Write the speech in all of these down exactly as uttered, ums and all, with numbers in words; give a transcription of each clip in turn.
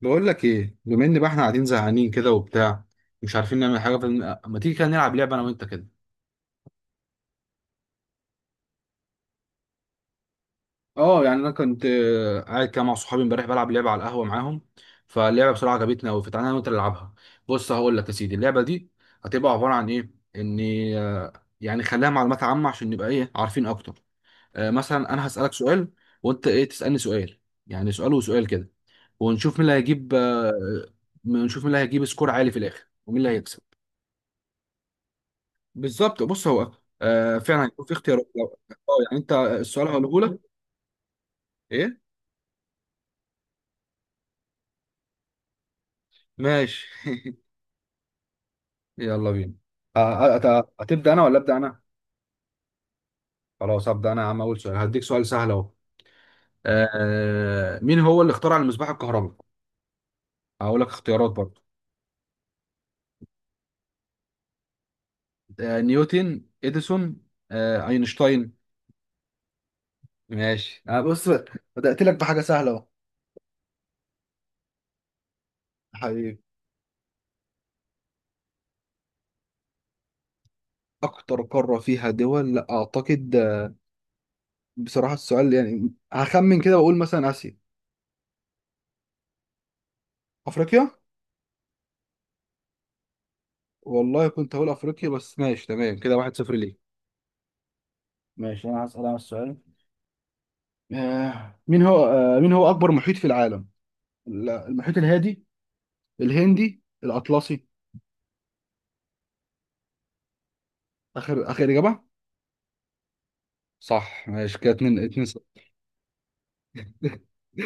بقول لك ايه؟ بما ان بقى احنا قاعدين زهقانين كده وبتاع، مش عارفين نعمل حاجه، فما تيجي كده نلعب لعبه انا وانت كده. اه يعني انا كنت آه، قاعد كده مع صحابي امبارح بلعب لعبه على القهوه معاهم. فاللعبه بصراحه عجبتنا قوي، فتعالى انا وانت نلعبها. بص، هقول لك يا سيدي، اللعبه دي هتبقى عباره عن ايه؟ ان آه، يعني خليها معلومات عامه عشان نبقى ايه، عارفين اكتر. آه، مثلا انا هسالك سؤال، وانت ايه تسالني سؤال، يعني سؤال وسؤال كده. ونشوف مين اللي هيجيب آه، نشوف مين اللي هيجيب سكور عالي في الاخر ومين اللي هيكسب. بالظبط. بص هو آه فعلا يكون في اختيارات، لو- اه يعني انت السؤال هقوله لك. ايه. ماشي. يلا بينا. آه، أت- هتبدا انا ولا ابدا انا؟ خلاص هبدا انا يا عم. اول سؤال هديك سؤال سهل اهو. آه مين هو اللي اخترع المصباح الكهربي؟ هقول لك اختيارات برضه. آه نيوتن، اديسون، آه اينشتاين. ماشي آه بص، بدات لك بحاجه سهله اهو. حبيبي. اكتر قاره فيها دول؟ لا اعتقد. آه، بصراحه السؤال يعني هخمن كده واقول مثلا اسيا. افريقيا! والله كنت هقول افريقيا، بس ماشي تمام كده. واحد صفر ليه. ماشي انا هسأل انا السؤال. آه مين هو آه مين هو اكبر محيط في العالم؟ ال- المحيط الهادي، الهندي، الاطلسي. اخر اخر اجابه. صح. ماشي كده، اتنين اتنين صفر.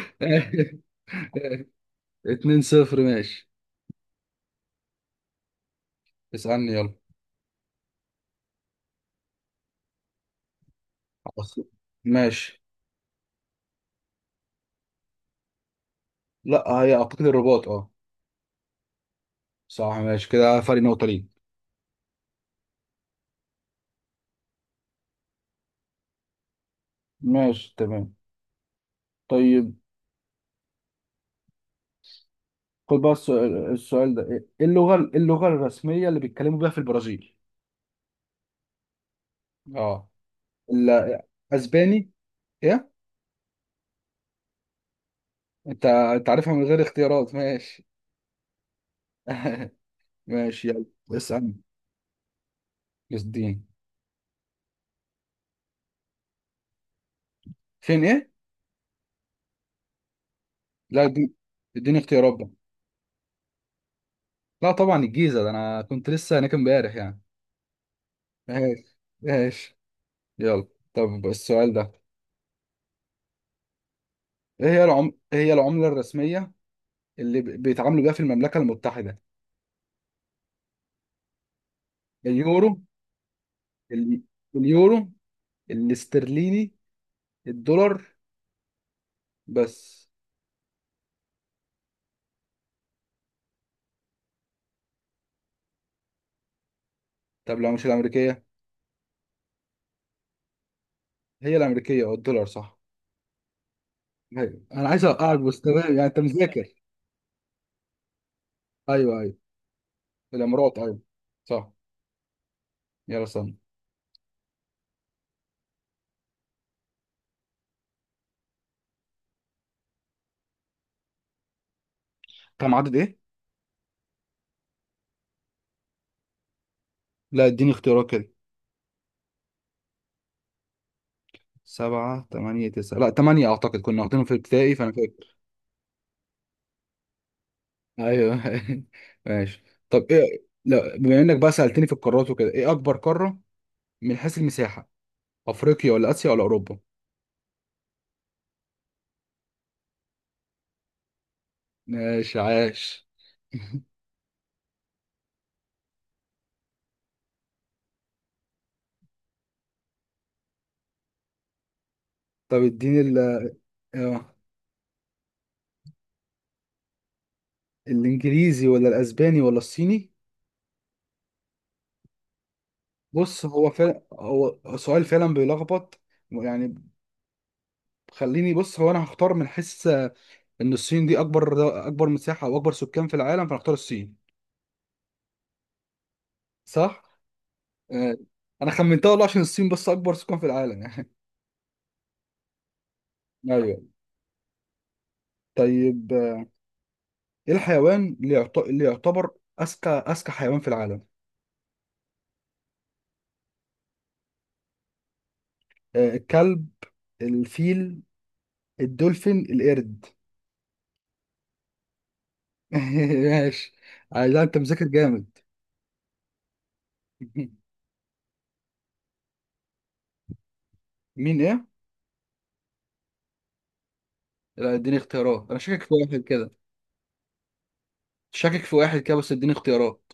اتنين صفر. ماشي، اسالني يلا. خلاص. ماشي. لا هي اعتقد الرباط، اه. صح! ماشي كده، فرق نقطه ليه. ماشي تمام. طيب، خد بقى السؤال, السؤال ده. ايه اللغة ايه اللغة الرسمية اللي بيتكلموا بيها في البرازيل؟ اه. الاسباني. ايه. انت انت عارفها من غير اختيارات؟ ماشي. ماشي يلا. اسالني. يا الدين! فين ايه؟ لا دي. اديني اختيارات بقى. لا طبعا الجيزه، ده انا كنت لسه هناك امبارح يعني. ماشي ماشي. يلا، طب السؤال ده. ايه هي العم... إيه هي العمله الرسميه اللي ب- بيتعاملوا بيها في المملكه المتحده؟ اليورو. ال... اليورو الاسترليني، الدولار، بس. طب لو مش الامريكيه؟ هي الامريكيه او الدولار، صح. ايوه، انا عايز اقعد وسط يعني، انت مذاكر. ايوه، ايوه، الامارات ايوه. صح. يلا استنى. كم عدد ايه؟ لا اديني اختيارات كده. سبعة، تمانية، تسعة. لا تمانية اعتقد، كنا واخدينهم في ابتدائي فانا فاكر. ايوه ماشي. طب ايه، لا بما انك بقى سألتني في القارات وكده، ايه اكبر قارة من حيث المساحة؟ افريقيا ولا اسيا ولا اوروبا؟ ماشي عاش. طب اديني ال. آه، الانجليزي ولا الاسباني ولا الصيني؟ بص هو فعلا هو سؤال فعلا بيلخبط يعني. خليني، بص هو انا هختار من حيث، آه، ان الصين دي اكبر اكبر مساحه او اكبر سكان في العالم، فهختار الصين. صح. آه، انا خمنتها والله عشان الصين بس اكبر سكان في العالم يعني. ايوه. طيب، آه، ايه الحيوان اللي يعت- اللي يعتبر اذكى اذكى حيوان في العالم؟ آه، الكلب، الفيل، الدولفين، القرد. ماشي. عايز، انت مذاكر جامد. مين ايه؟ لا اديني اختيارات، انا شاكك في واحد كده. شاكك في واحد كده، بس اديني اختيارات.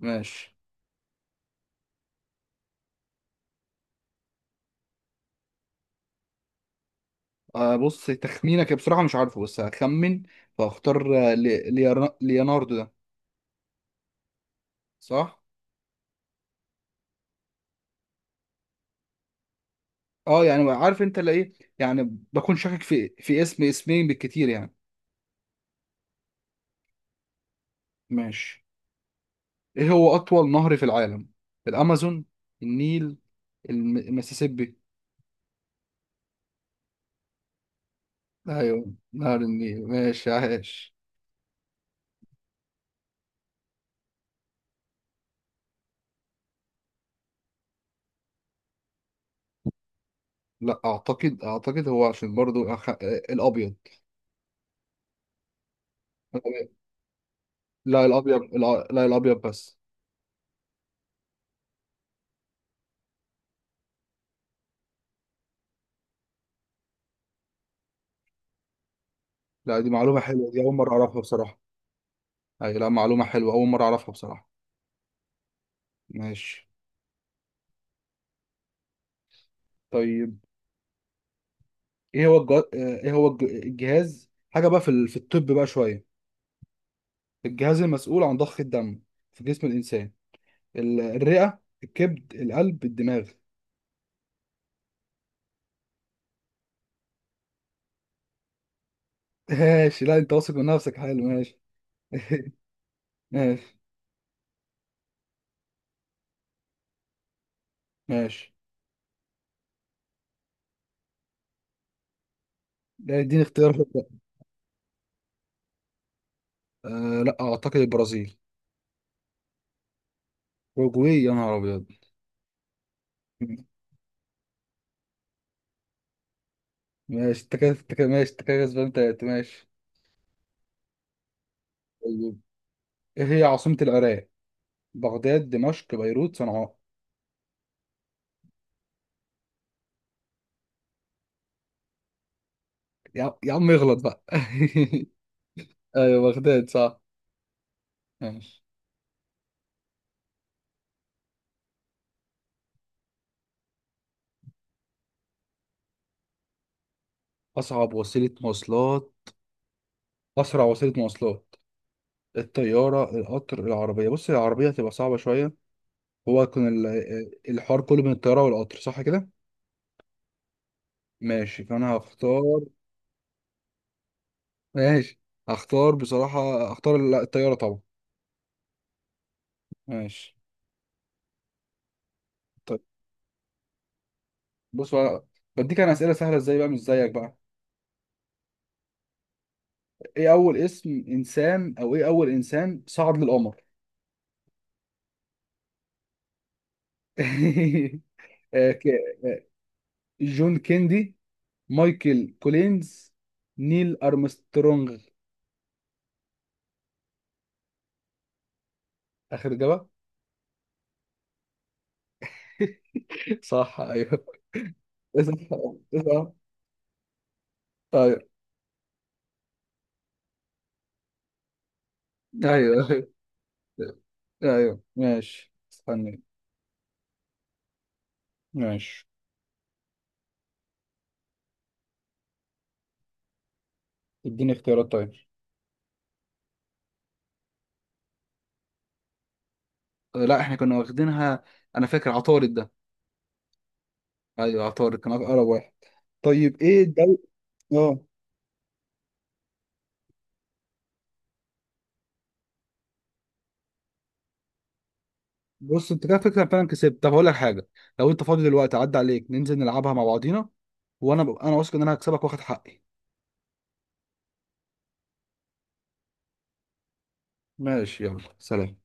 ماشي. آه بص، تخمينك بصراحة مش عارفه بس هخمن، فاختار آه، لي- ليار- ليوناردو ده. صح؟ اه يعني، عارف انت اللي ايه يعني، بكون شاكك في في اسم اسمين بالكتير يعني. ماشي. ايه هو أطول نهر في العالم؟ الأمازون، النيل، الم- المسيسيبي. ايوه نهر النيل. ماشي عاش. لا اعتقد، اعتقد هو عشان برضو، أخ... آه، الابيض. الأبيض. لا الابيض الع- لا الابيض بس. لا دي معلومة حلوة، دي اول مرة اعرفها بصراحة. اي لا، معلومة حلوة اول مرة اعرفها بصراحة. ماشي. طيب، ايه هو الج... ايه هو الج... الجهاز، حاجه بقى، في ال... في الطب بقى شويه. الجهاز المسؤول عن ضخ الدم في جسم الانسان. ال... الرئه، الكبد، القلب، الدماغ. ماشي. لا انت واثق من نفسك حلو، ماشي. ماشي. ماشي. لا اديني اختيار بقى. آه لا اعتقد البرازيل. اوروجواي! يا نهار ابيض. ماشي، انت كده انت كده ماشي، انت كده كسبان تلاتة. ماشي. طيب، ايه هي عاصمة العراق؟ بغداد، دمشق، بيروت، صنعاء. يا, يا عم اغلط بقى. ايوه بغداد، صح. ماشي. اصعب وسيله مواصلات. اسرع وسيله مواصلات. الطياره، القطر، العربيه. بص العربيه هتبقى صعبه شويه. هو كان ال- الحوار كله بين الطياره والقطر، صح كده. ماشي فانا هختار. ماشي. هختار بصراحه، هختار ال- الطياره طبعا. ماشي. طيب، بص بقى، بديك انا اسئله سهله ازاي بقى، مش زيك بقى. ايه اول اسم انسان او ايه اول انسان صعد للقمر؟ آه، ك- جون كيندي، مايكل كولينز، نيل أرمسترونغ. آخر إجابة. صح أيوه. إيه صح. إيه صح. أيوه. أيوه أيوه. أيوه ماشي استنى. ماشي. اديني اختيارات طيب. لا احنا كنا واخدينها. أنا فاكر عطارد ده. أيوه عطارد كان أقرب واحد. طيب إيه الدولة. اه. بص انت كده فكره فعلا كسبت. طب هقول لك حاجه، لو انت فاضي دلوقتي عدى عليك، ننزل نلعبها مع بعضينا. وانا ب... انا واثق ان انا هكسبك واخد حقي. ماشي يلا، سلام.